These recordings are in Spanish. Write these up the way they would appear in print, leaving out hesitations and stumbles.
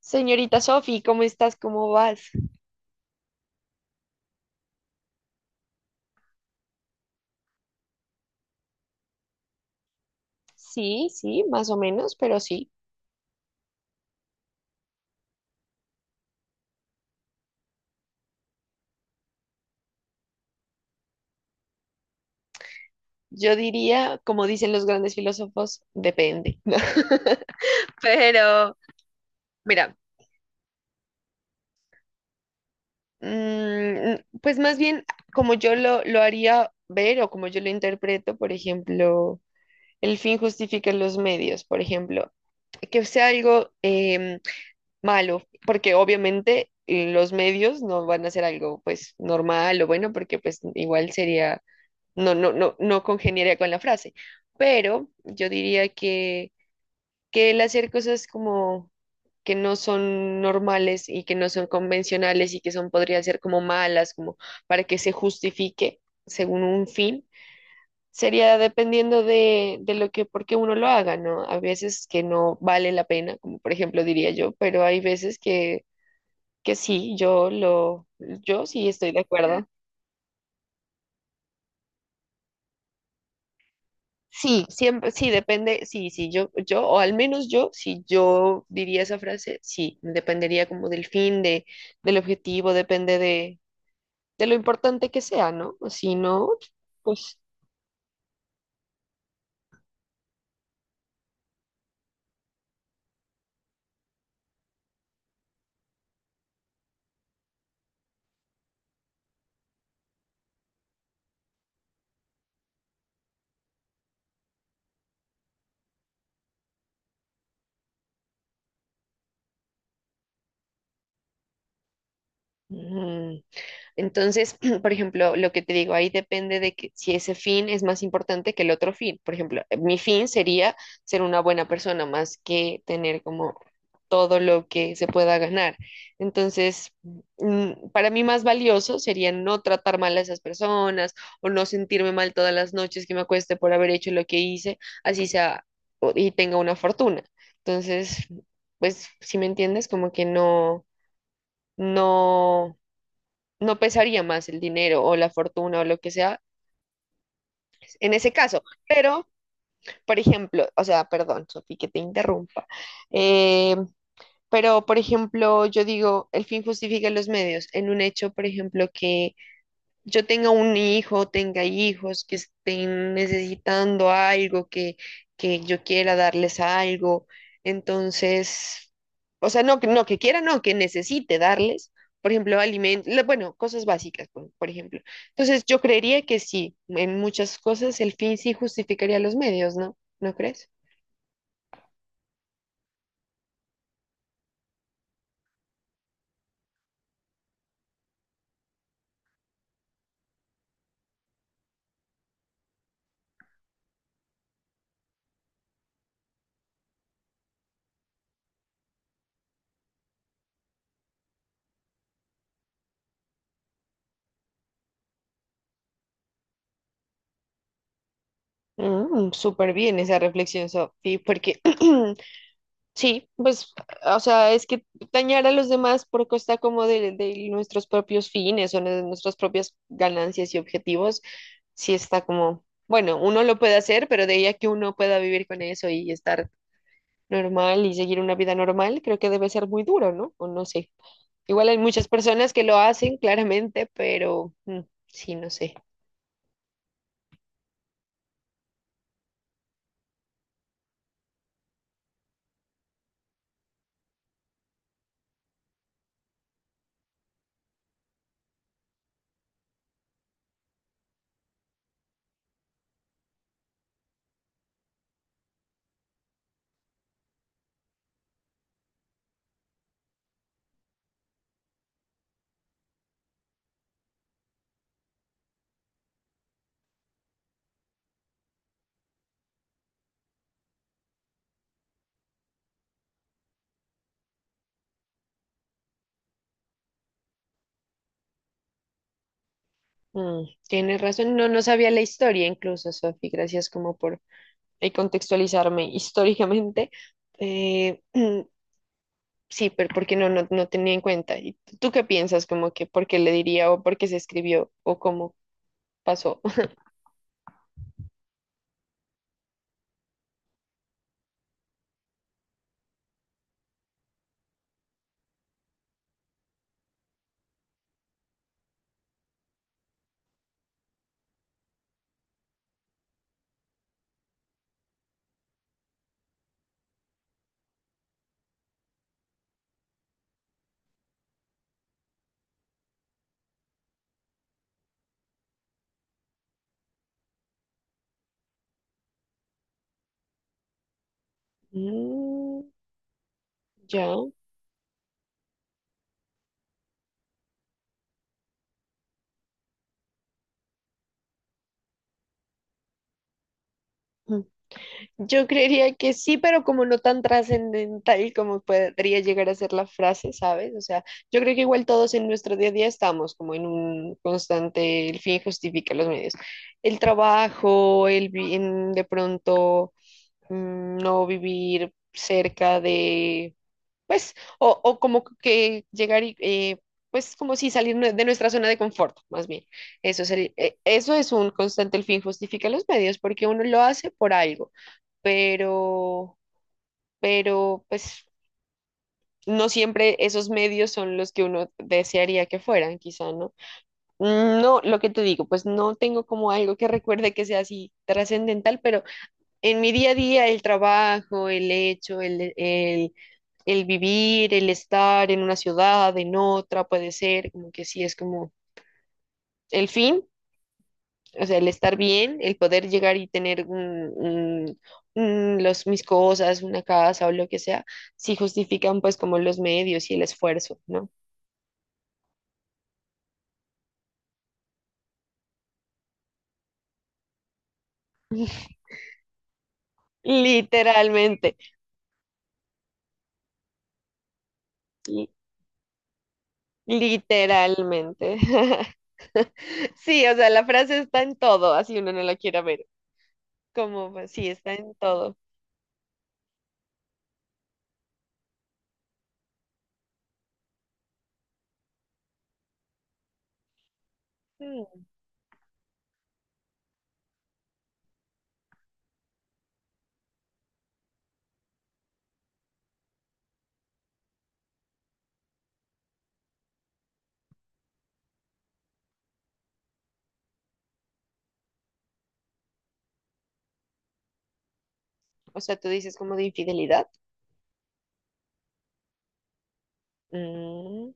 Señorita Sofi, ¿cómo estás? ¿Cómo vas? Sí, más o menos, pero sí. Yo diría, como dicen los grandes filósofos, depende. ¿No? Pero, mira, mm, pues más bien como yo lo haría ver o como yo lo interpreto, por ejemplo, el fin justifica los medios, por ejemplo, que sea algo malo, porque obviamente los medios no van a ser algo pues normal o bueno, porque pues igual sería no, no, no, no congeniaría con la frase, pero yo diría que el hacer cosas como que no son normales y que no son convencionales y que son, podrían ser como malas, como para que se justifique según un fin, sería dependiendo de lo que, por qué uno lo haga, ¿no? A veces que no vale la pena, como por ejemplo diría yo, pero hay veces que sí, yo sí estoy de acuerdo. Sí, siempre, sí, depende, sí, sí, yo, o al menos yo, si yo diría esa frase, sí, dependería como del fin, de, del objetivo, depende de lo importante que sea, ¿no? Si no, pues, mm. Entonces, por ejemplo, lo que te digo, ahí depende de que si ese fin es más importante que el otro fin. Por ejemplo, mi fin sería ser una buena persona más que tener como todo lo que se pueda ganar. Entonces, para mí más valioso sería no tratar mal a esas personas o no sentirme mal todas las noches que me acueste por haber hecho lo que hice, así sea y tenga una fortuna. Entonces, pues si me entiendes, como que no, no, no pesaría más el dinero o la fortuna o lo que sea en ese caso. Pero, por ejemplo, o sea, perdón, Sofi, que te interrumpa. Eh, Pero, por ejemplo, yo digo, el fin justifica los medios. En un hecho, por ejemplo, que yo tenga un hijo, tenga hijos que estén necesitando algo, que yo quiera darles algo. Entonces, o sea, no, no que quiera, no, que necesite darles, por ejemplo, alimentos, bueno, cosas básicas, por ejemplo. Entonces, yo creería que sí, en muchas cosas el fin sí justificaría los medios, ¿no? ¿No crees? Mm, súper bien esa reflexión, Sofi, porque sí, pues, o sea, es que dañar a los demás por costa como de nuestros propios fines o de nuestras propias ganancias y objetivos, sí está como, bueno, uno lo puede hacer, pero de ahí a que uno pueda vivir con eso y estar normal y seguir una vida normal, creo que debe ser muy duro, ¿no? O no sé. Igual hay muchas personas que lo hacen, claramente, pero sí, no sé. Mm, tienes razón, no, no sabía la historia incluso, Sofi, gracias como por y contextualizarme históricamente, eh, sí, pero porque no, no, no tenía en cuenta. ¿Y tú qué piensas? Como que por qué le diría o por qué se escribió o cómo pasó. Mm, ya. Mm. Yo creería que sí, pero como no tan trascendental como podría llegar a ser la frase, ¿sabes? O sea, yo creo que igual todos en nuestro día a día estamos como en un constante, el fin justifica los medios. El trabajo, el bien, de pronto no vivir cerca de, pues, o como que llegar y, pues, como si salir de nuestra zona de confort, más bien. Eso es un constante, el fin justifica los medios, porque uno lo hace por algo, pero, pero, pues, no siempre esos medios son los que uno desearía que fueran, quizá, ¿no? Mm, no, lo que te digo, pues no tengo como algo que recuerde que sea así trascendental, pero en mi día a día, el trabajo, el hecho, el vivir, el estar en una ciudad, en otra, puede ser, como que sí, es como el fin, o sea, el estar bien, el poder llegar y tener los, mis cosas, una casa o lo que sea, sí justifican pues como los medios y el esfuerzo, ¿no? Literalmente. Literalmente. Sí, o sea, la frase está en todo, así uno no la quiera ver. Como, pues, sí, está en todo. Mm. O sea, tú dices como de infidelidad. Mm,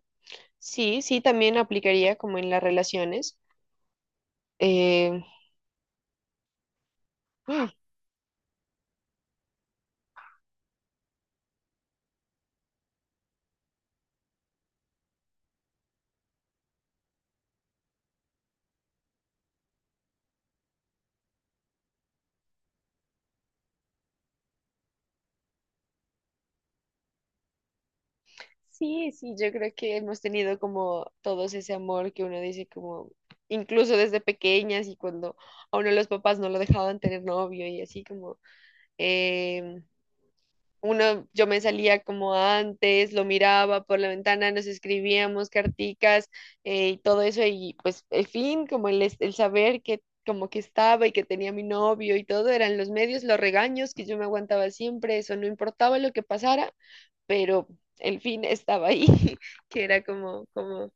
sí, sí, también aplicaría como en las relaciones. Eh, ah, sí, sí, yo creo que hemos tenido como todos ese amor que uno dice como, incluso desde pequeñas y cuando a uno los papás no lo dejaban tener novio y así como, em, uno, yo me salía como antes, lo miraba por la ventana, nos escribíamos carticas y todo eso, y pues el fin, como el saber que como que estaba y que tenía mi novio y todo, eran los medios, los regaños que yo me aguantaba siempre, eso no importaba lo que pasara, pero el fin estaba ahí, que era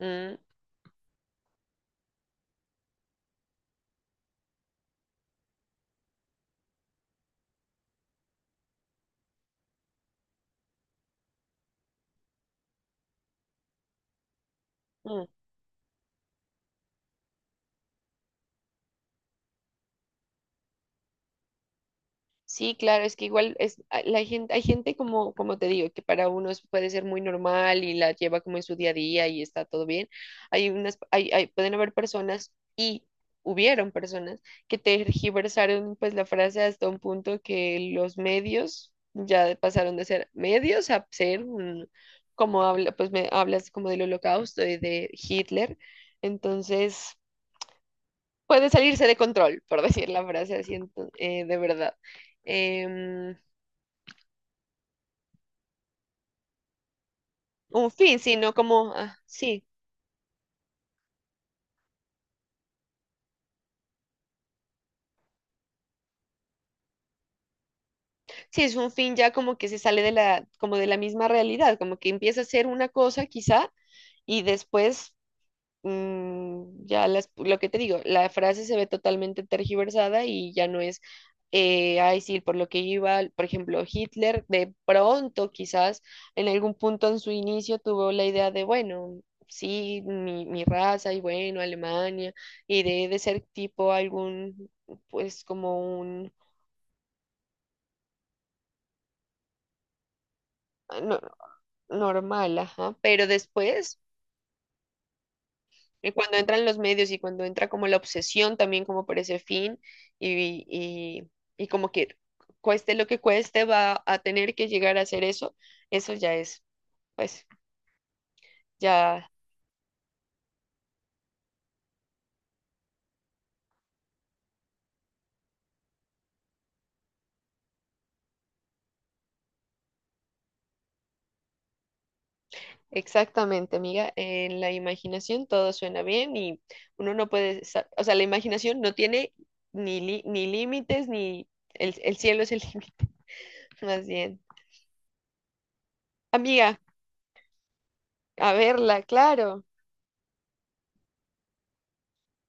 mm, mm. Sí, claro, es que igual es la gente, hay gente como, como te digo, que para unos puede ser muy normal y la lleva como en su día a día y está todo bien. Hay unas, pueden haber personas y hubieron personas que tergiversaron pues la frase hasta un punto que los medios ya pasaron de ser medios a ser como habla, pues me hablas como del Holocausto y de Hitler. Entonces, puede salirse de control, por decir la frase así, de verdad. Em, un fin, sino como, ah, sí, sí, es un fin ya como que se sale de la, como de la misma realidad, como que empieza a ser una cosa quizá y después ya lo que te digo, la frase se ve totalmente tergiversada y ya no es, ay, sí, por lo que iba, por ejemplo, Hitler de pronto quizás en algún punto en su inicio tuvo la idea de, bueno, sí, mi raza y bueno, Alemania, y de ser tipo algún, pues como eh, no- normal, ajá, pero después, cuando entran los medios y cuando entra como la obsesión también como por ese fin y, y, y como que cueste lo que cueste va a tener que llegar a hacer eso, eso ya es, pues ya exactamente, amiga, en la imaginación todo suena bien y uno no puede, o sea, la imaginación no tiene ni límites ni el cielo es el límite, más bien. Amiga, a verla, claro.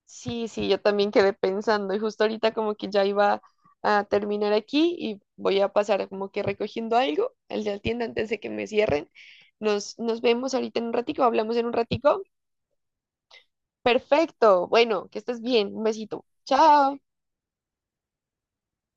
Sí, sí, yo también quedé pensando y justo ahorita como que ya iba a terminar aquí y voy a pasar como que recogiendo algo al de la tienda antes de que me cierren. Nos vemos ahorita en un ratico, hablamos en un ratico. Perfecto, bueno, que estés bien, un besito. Chao.